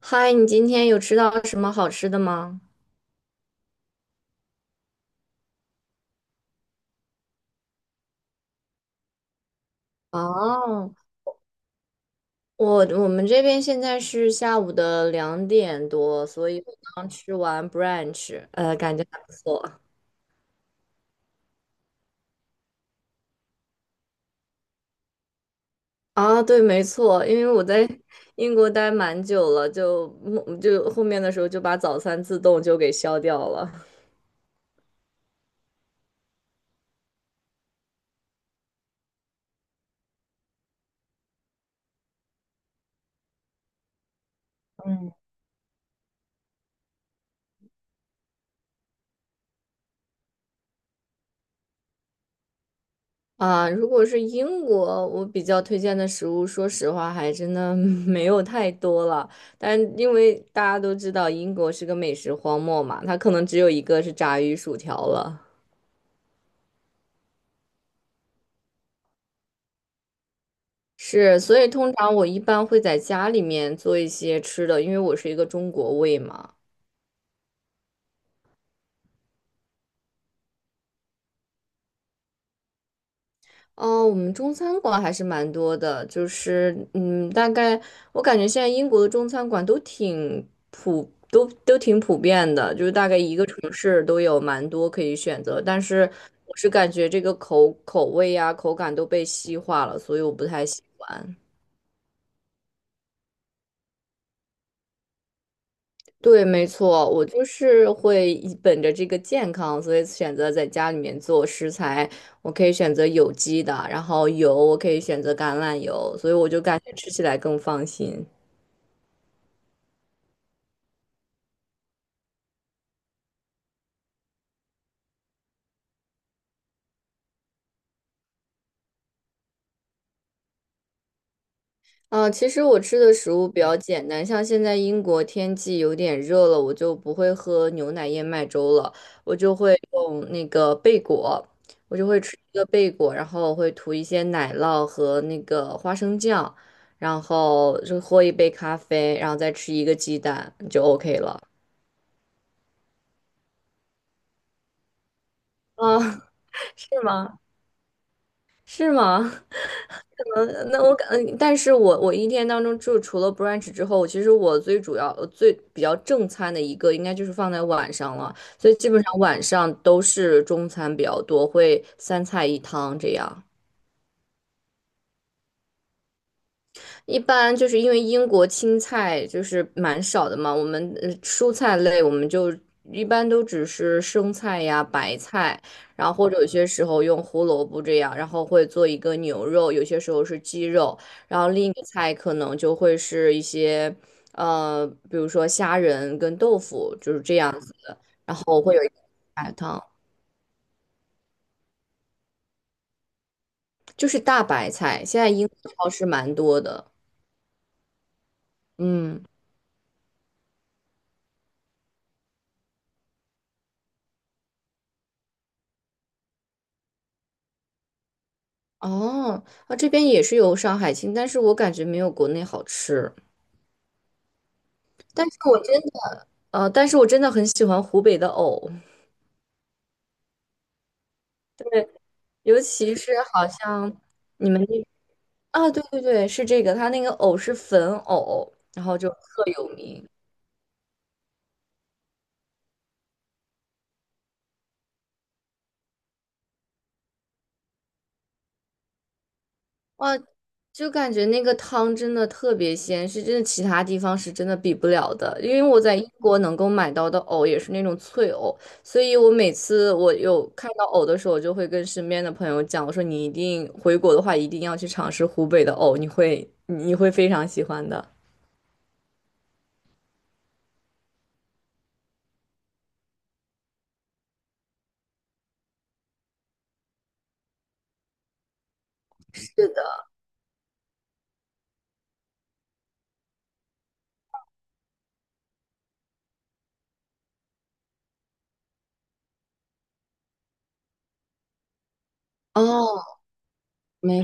嗨，你今天有吃到什么好吃的吗？哦，我们这边现在是下午的两点多，所以我刚吃完 brunch，感觉还不错。啊，对，没错，因为我在英国待蛮久了，就后面的时候就把早餐自动就给消掉了。啊，如果是英国，我比较推荐的食物，说实话还真的 没有太多了。但因为大家都知道英国是个美食荒漠嘛，它可能只有一个是炸鱼薯条了。是，所以通常我一般会在家里面做一些吃的，因为我是一个中国胃嘛。哦，我们中餐馆还是蛮多的，就是嗯，大概我感觉现在英国的中餐馆都挺普，都挺普遍的，就是大概一个城市都有蛮多可以选择。但是我是感觉这个口味呀、口感都被西化了，所以我不太喜欢。对，没错，我就是会以本着这个健康，所以选择在家里面做食材。我可以选择有机的，然后油我可以选择橄榄油，所以我就感觉吃起来更放心。嗯其实我吃的食物比较简单，像现在英国天气有点热了，我就不会喝牛奶燕麦粥了，我就会用那个贝果，我就会吃一个贝果，然后会涂一些奶酪和那个花生酱，然后就喝一杯咖啡，然后再吃一个鸡蛋就 OK 了。啊，是吗？是吗？嗯，那我感，嗯但是我一天当中就除了 brunch 之后，我其实最主要最比较正餐的一个应该就是放在晚上了，所以基本上晚上都是中餐比较多，会三菜一汤这样。一般就是因为英国青菜就是蛮少的嘛，我们蔬菜类我们就一般都只是生菜呀、白菜，然后或者有些时候用胡萝卜这样，然后会做一个牛肉，有些时候是鸡肉，然后另一个菜可能就会是一些比如说虾仁跟豆腐就是这样子的，然后会有一个白汤，就是大白菜，现在英国超市蛮多的，嗯。哦，啊，这边也是有上海青，但是我感觉没有国内好吃。但是我真的，但是我真的很喜欢湖北的藕，尤其是好像你们那啊，对对对，是这个，它那个藕是粉藕，然后就特有名。哇。就感觉那个汤真的特别鲜，是真的其他地方是真的比不了的。因为我在英国能够买到的藕也是那种脆藕，所以我每次有看到藕的时候，我就会跟身边的朋友讲，我说你一定回国的话，一定要去尝试湖北的藕，你会非常喜欢的。哦，没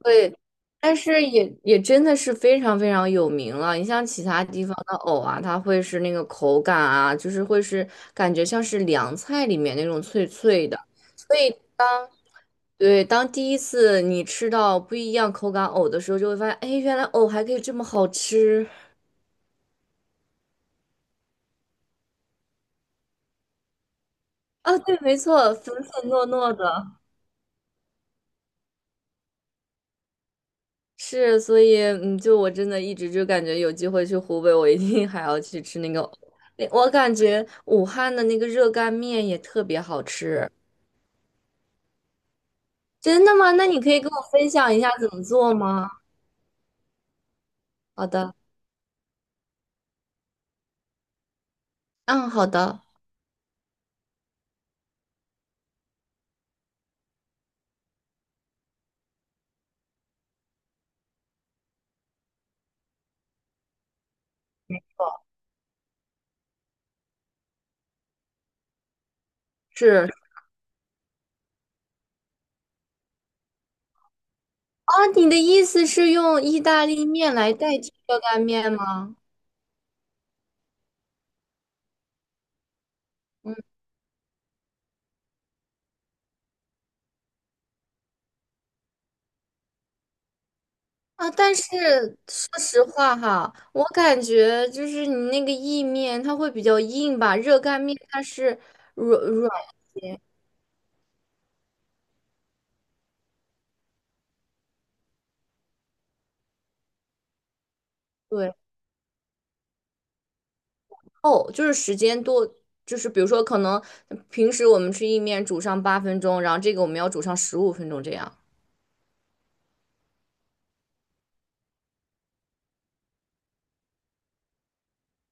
对，但是也真的是非常非常有名了。你像其他地方的藕啊，它会是那个口感啊，就是会是感觉像是凉菜里面那种脆脆的。所以当对当第一次你吃到不一样口感藕的时候，就会发现，哎，原来藕还可以这么好吃啊！对，没错，粉粉糯糯的。是，所以嗯，就我真的一直就感觉有机会去湖北，我一定还要去吃那个。那我感觉武汉的那个热干面也特别好吃。真的吗？那你可以跟我分享一下怎么做吗？好的，嗯，好的，是啊，你的意思是用意大利面来代替热干面吗？嗯啊，但是说实话哈，我感觉就是你那个意面它会比较硬吧，热干面它是软软一些。对。哦，就是时间多，就是比如说可能平时我们吃意面煮上8分钟，然后这个我们要煮上15分钟这样。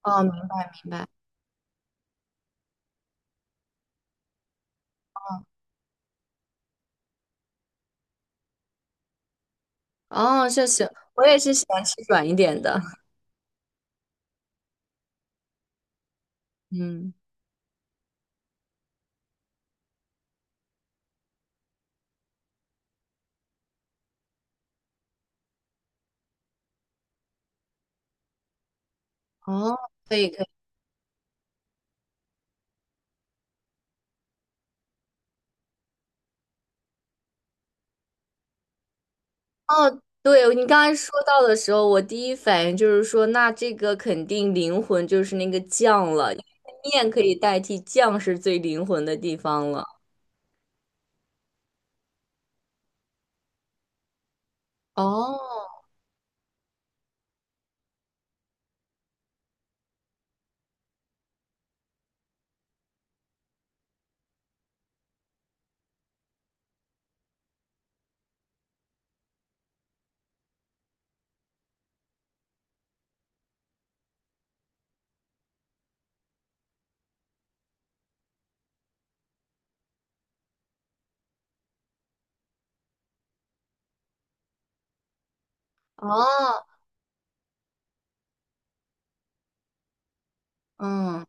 哦，明白明白。哦，谢谢。我也是喜欢吃软一点的。嗯，哦，可以可以。哦，对，你刚才说到的时候，我第一反应就是说，那这个肯定灵魂就是那个酱了，因为面可以代替酱是最灵魂的地方了。哦哦，嗯。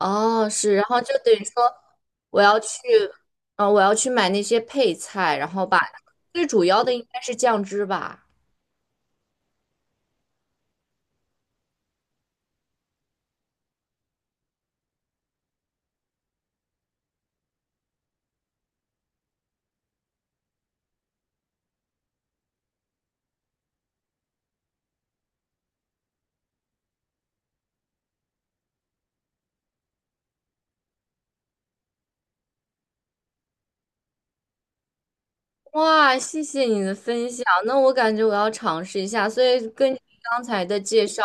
哦，是，然后就等于说我要去，我要去买那些配菜，然后把最主要的应该是酱汁吧。哇，谢谢你的分享，那我感觉我要尝试一下。所以根据刚才的介绍，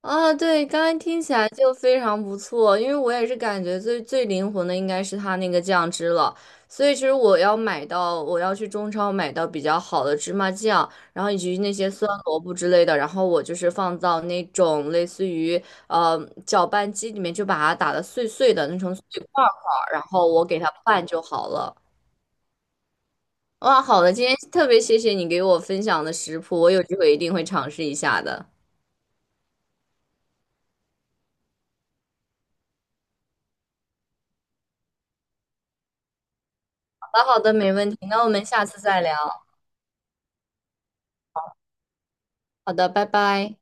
啊，对，刚刚听起来就非常不错，因为我也是感觉最灵魂的应该是它那个酱汁了，所以其实我要买到，我要去中超买到比较好的芝麻酱，然后以及那些酸萝卜之类的，然后我就是放到那种类似于呃搅拌机里面，就把它打的碎碎的，弄成碎块儿，然后我给它拌就好了。哇，好的，今天特别谢谢你给我分享的食谱，我有机会一定会尝试一下的。好的，好的，没问题，那我们下次再聊。好的，拜拜。